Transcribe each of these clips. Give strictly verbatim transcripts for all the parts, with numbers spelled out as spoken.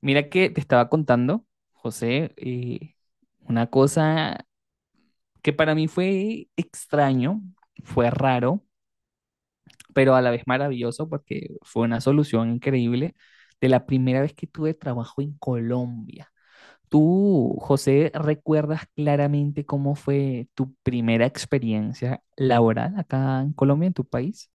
Mira que te estaba contando, José, eh, una cosa que para mí fue extraño, fue raro, pero a la vez maravilloso porque fue una solución increíble de la primera vez que tuve trabajo en Colombia. ¿Tú, José, recuerdas claramente cómo fue tu primera experiencia laboral acá en Colombia, en tu país?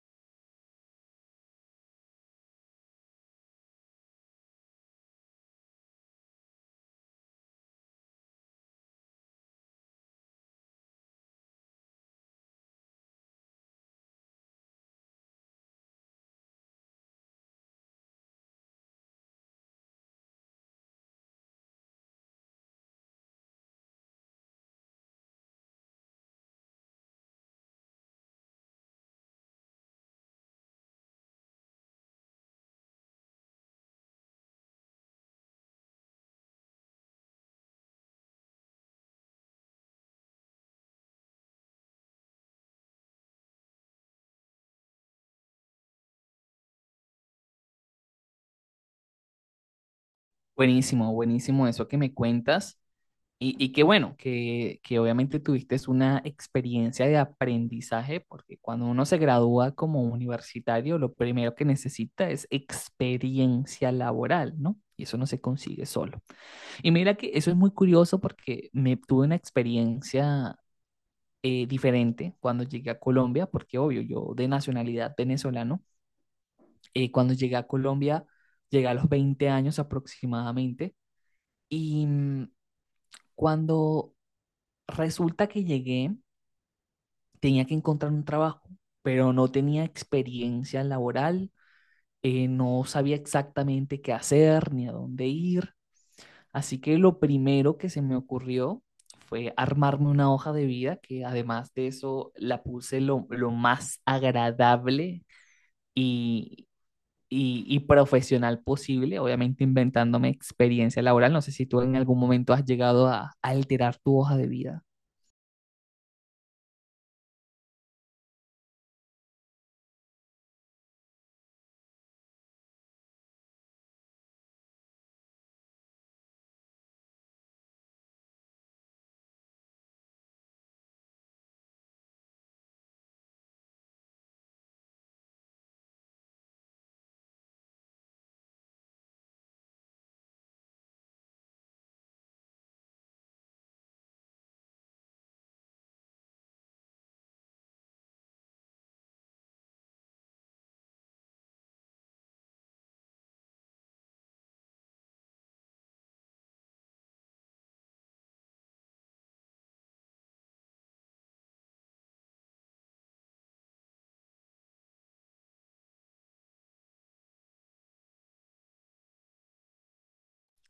Buenísimo, buenísimo eso que me cuentas. Y, y qué bueno, que, que obviamente tuviste una experiencia de aprendizaje, porque cuando uno se gradúa como universitario, lo primero que necesita es experiencia laboral, ¿no? Y eso no se consigue solo. Y mira que eso es muy curioso porque me tuve una experiencia eh, diferente cuando llegué a Colombia, porque obvio, yo de nacionalidad venezolano, eh, cuando llegué a Colombia, llegué a los veinte años aproximadamente, y mm, cuando resulta que llegué, tenía que encontrar un trabajo, pero no tenía experiencia laboral, eh, no sabía exactamente qué hacer ni a dónde ir. Así que lo primero que se me ocurrió fue armarme una hoja de vida, que además de eso la puse lo, lo más agradable y, y, y, profesional posible, obviamente inventándome experiencia laboral. No sé si tú en algún momento has llegado a alterar tu hoja de vida.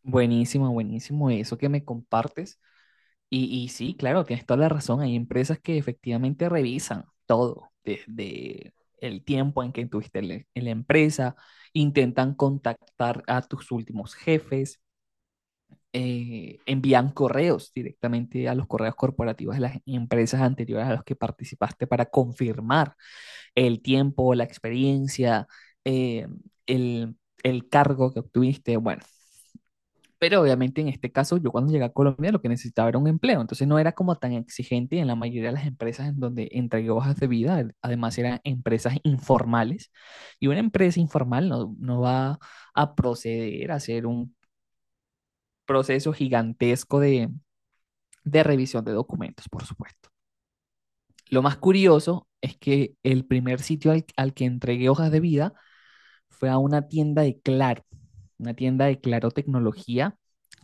Buenísimo, buenísimo eso que me compartes. Y, y sí, claro, tienes toda la razón. Hay empresas que efectivamente revisan todo, desde el tiempo en que tuviste en la- en la empresa, intentan contactar a tus últimos jefes, eh, envían correos directamente a los correos corporativos de las empresas anteriores a las que participaste para confirmar el tiempo, la experiencia, eh, el, el cargo que obtuviste. Bueno, pero obviamente en este caso, yo cuando llegué a Colombia lo que necesitaba era un empleo, entonces no era como tan exigente y en la mayoría de las empresas en donde entregué hojas de vida, ad- además eran empresas informales y una empresa informal no, no va a proceder a hacer un proceso gigantesco de, de revisión de documentos, por supuesto. Lo más curioso es que el primer sitio al, al que entregué hojas de vida fue a una tienda de Claro, una tienda de Claro Tecnología,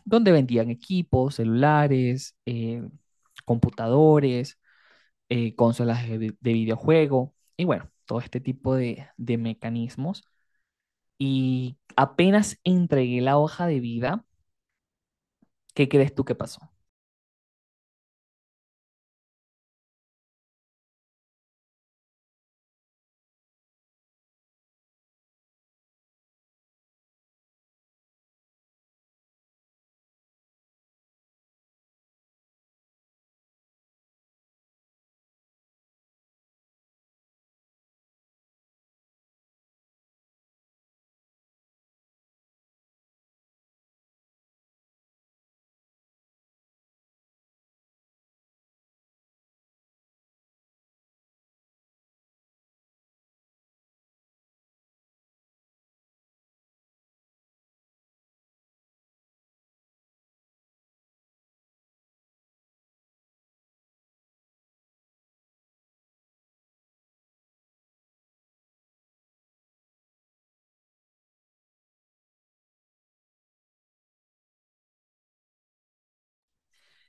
donde vendían equipos, celulares, eh, computadores, eh, consolas de, de, videojuego y bueno, todo este tipo de, de mecanismos. Y apenas entregué la hoja de vida, ¿qué crees tú que pasó?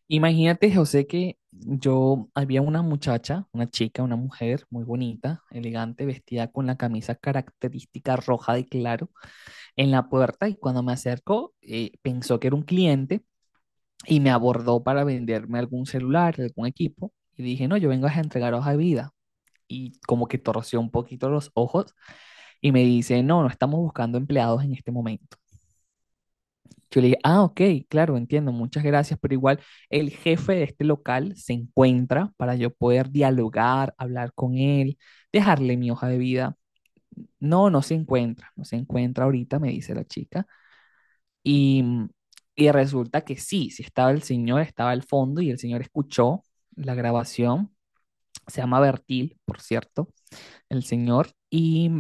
Imagínate, José, que yo había una muchacha, una chica, una mujer muy bonita, elegante, vestida con la camisa característica roja de claro en la puerta y cuando me acercó eh, pensó que era un cliente y me abordó para venderme algún celular, algún equipo y dije, no, yo vengo a entregaros a vida y como que torció un poquito los ojos y me dice, no, no estamos buscando empleados en este momento. Yo le dije, ah, ok, claro, entiendo, muchas gracias, pero igual el jefe de este local se encuentra para yo poder dialogar, hablar con él, dejarle mi hoja de vida. No, no se encuentra, no se encuentra ahorita, me dice la chica. Y, y resulta que sí, sí estaba el señor, estaba al fondo y el señor escuchó la grabación. Se llama Bertil, por cierto, el señor. Y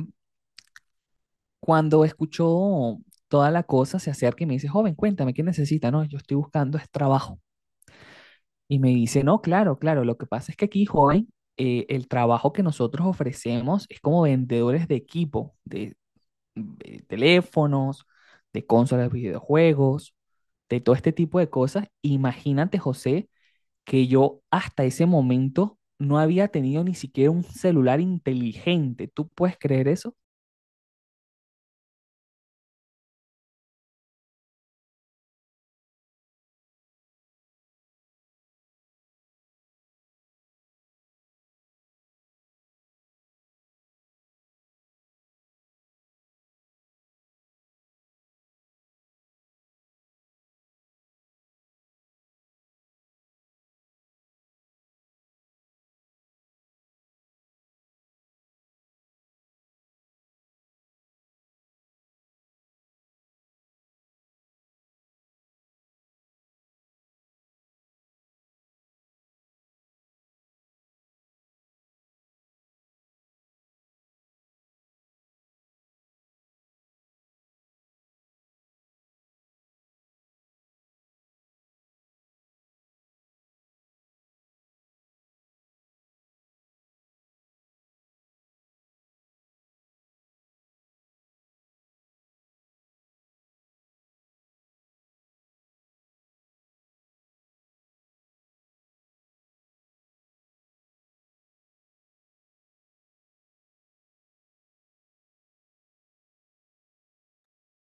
cuando escuchó toda la cosa, se acerca y me dice, joven, cuéntame, ¿qué necesita? No, yo estoy buscando es trabajo. Y me dice, no, claro, claro, lo que pasa es que aquí, joven, eh, el trabajo que nosotros ofrecemos es como vendedores de equipo, de de teléfonos, de consolas de videojuegos, de todo este tipo de cosas. Imagínate, José, que yo hasta ese momento no había tenido ni siquiera un celular inteligente. ¿Tú puedes creer eso?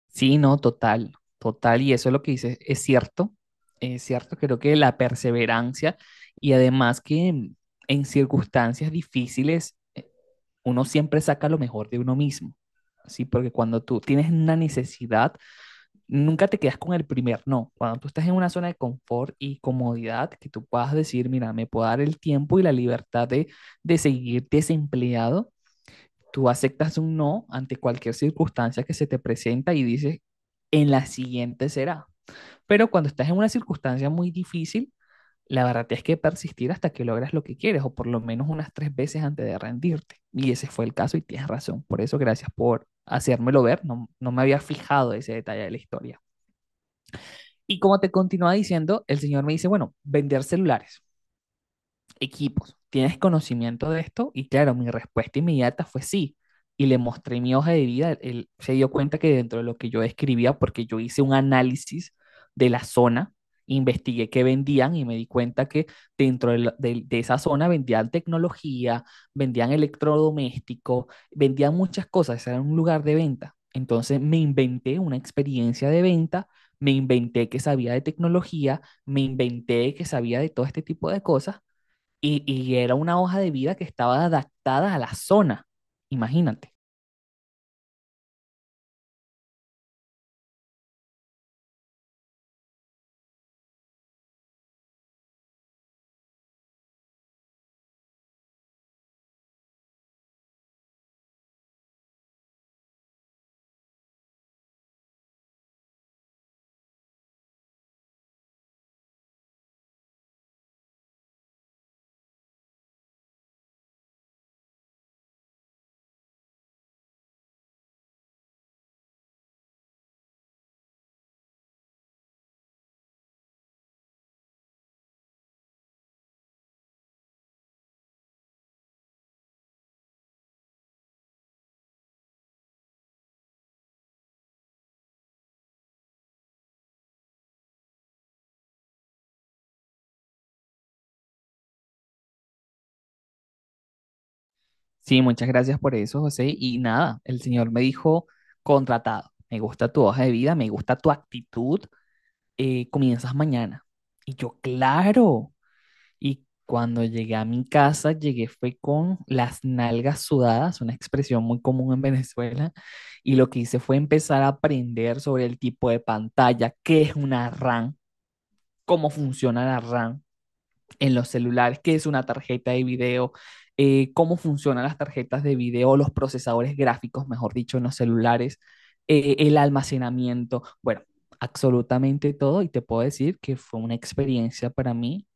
Sí, no, total, total. Y eso es lo que dices, es cierto, es cierto, creo que la perseverancia y además que en, en circunstancias difíciles, eh, uno siempre saca lo mejor de uno mismo. Sí, porque cuando tú tienes una necesidad, nunca te quedas con el primer no. Cuando tú estás en una zona de confort y comodidad, que tú puedas decir, mira, me puedo dar el tiempo y la libertad de, de seguir desempleado, tú aceptas un no ante cualquier circunstancia que se te presenta y dices, en la siguiente será. Pero cuando estás en una circunstancia muy difícil, la verdad es que persistir hasta que logras lo que quieres, o por lo menos unas tres veces antes de rendirte. Y ese fue el caso y tienes razón. Por eso, gracias por hacérmelo ver. No, no me había fijado ese detalle de la historia. Y como te continúa diciendo, el señor me dice, bueno, vender celulares equipos, ¿tienes conocimiento de esto? Y claro, mi respuesta inmediata fue sí. Y le mostré mi hoja de vida. Él se dio cuenta que dentro de lo que yo escribía, porque yo hice un análisis de la zona, investigué qué vendían y me di cuenta que dentro de, la- de- de esa zona vendían tecnología, vendían electrodomésticos, vendían muchas cosas, ese era un lugar de venta. Entonces me inventé una experiencia de venta, me inventé que sabía de tecnología, me inventé que sabía de todo este tipo de cosas y, y era una hoja de vida que estaba adaptada a la zona, imagínate. Sí, muchas gracias por eso, José. Y nada, el señor me dijo, contratado, me gusta tu hoja de vida, me gusta tu actitud, eh, comienzas mañana. Y yo, claro. Y cuando llegué a mi casa, llegué fue con las nalgas sudadas, una expresión muy común en Venezuela, y lo que hice fue empezar a aprender sobre el tipo de pantalla, qué es una R A M, cómo funciona la R A M, en los celulares, qué es una tarjeta de video, eh, cómo funcionan las tarjetas de video, los procesadores gráficos, mejor dicho, en los celulares, eh, el almacenamiento, bueno, absolutamente todo y te puedo decir que fue una experiencia para mí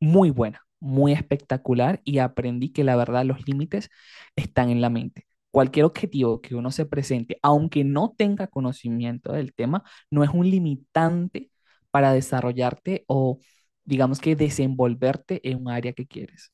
muy buena, muy espectacular y aprendí que la verdad los límites están en la mente. Cualquier objetivo que uno se presente, aunque no tenga conocimiento del tema, no es un limitante para desarrollarte o digamos que desenvolverte en un área que quieres.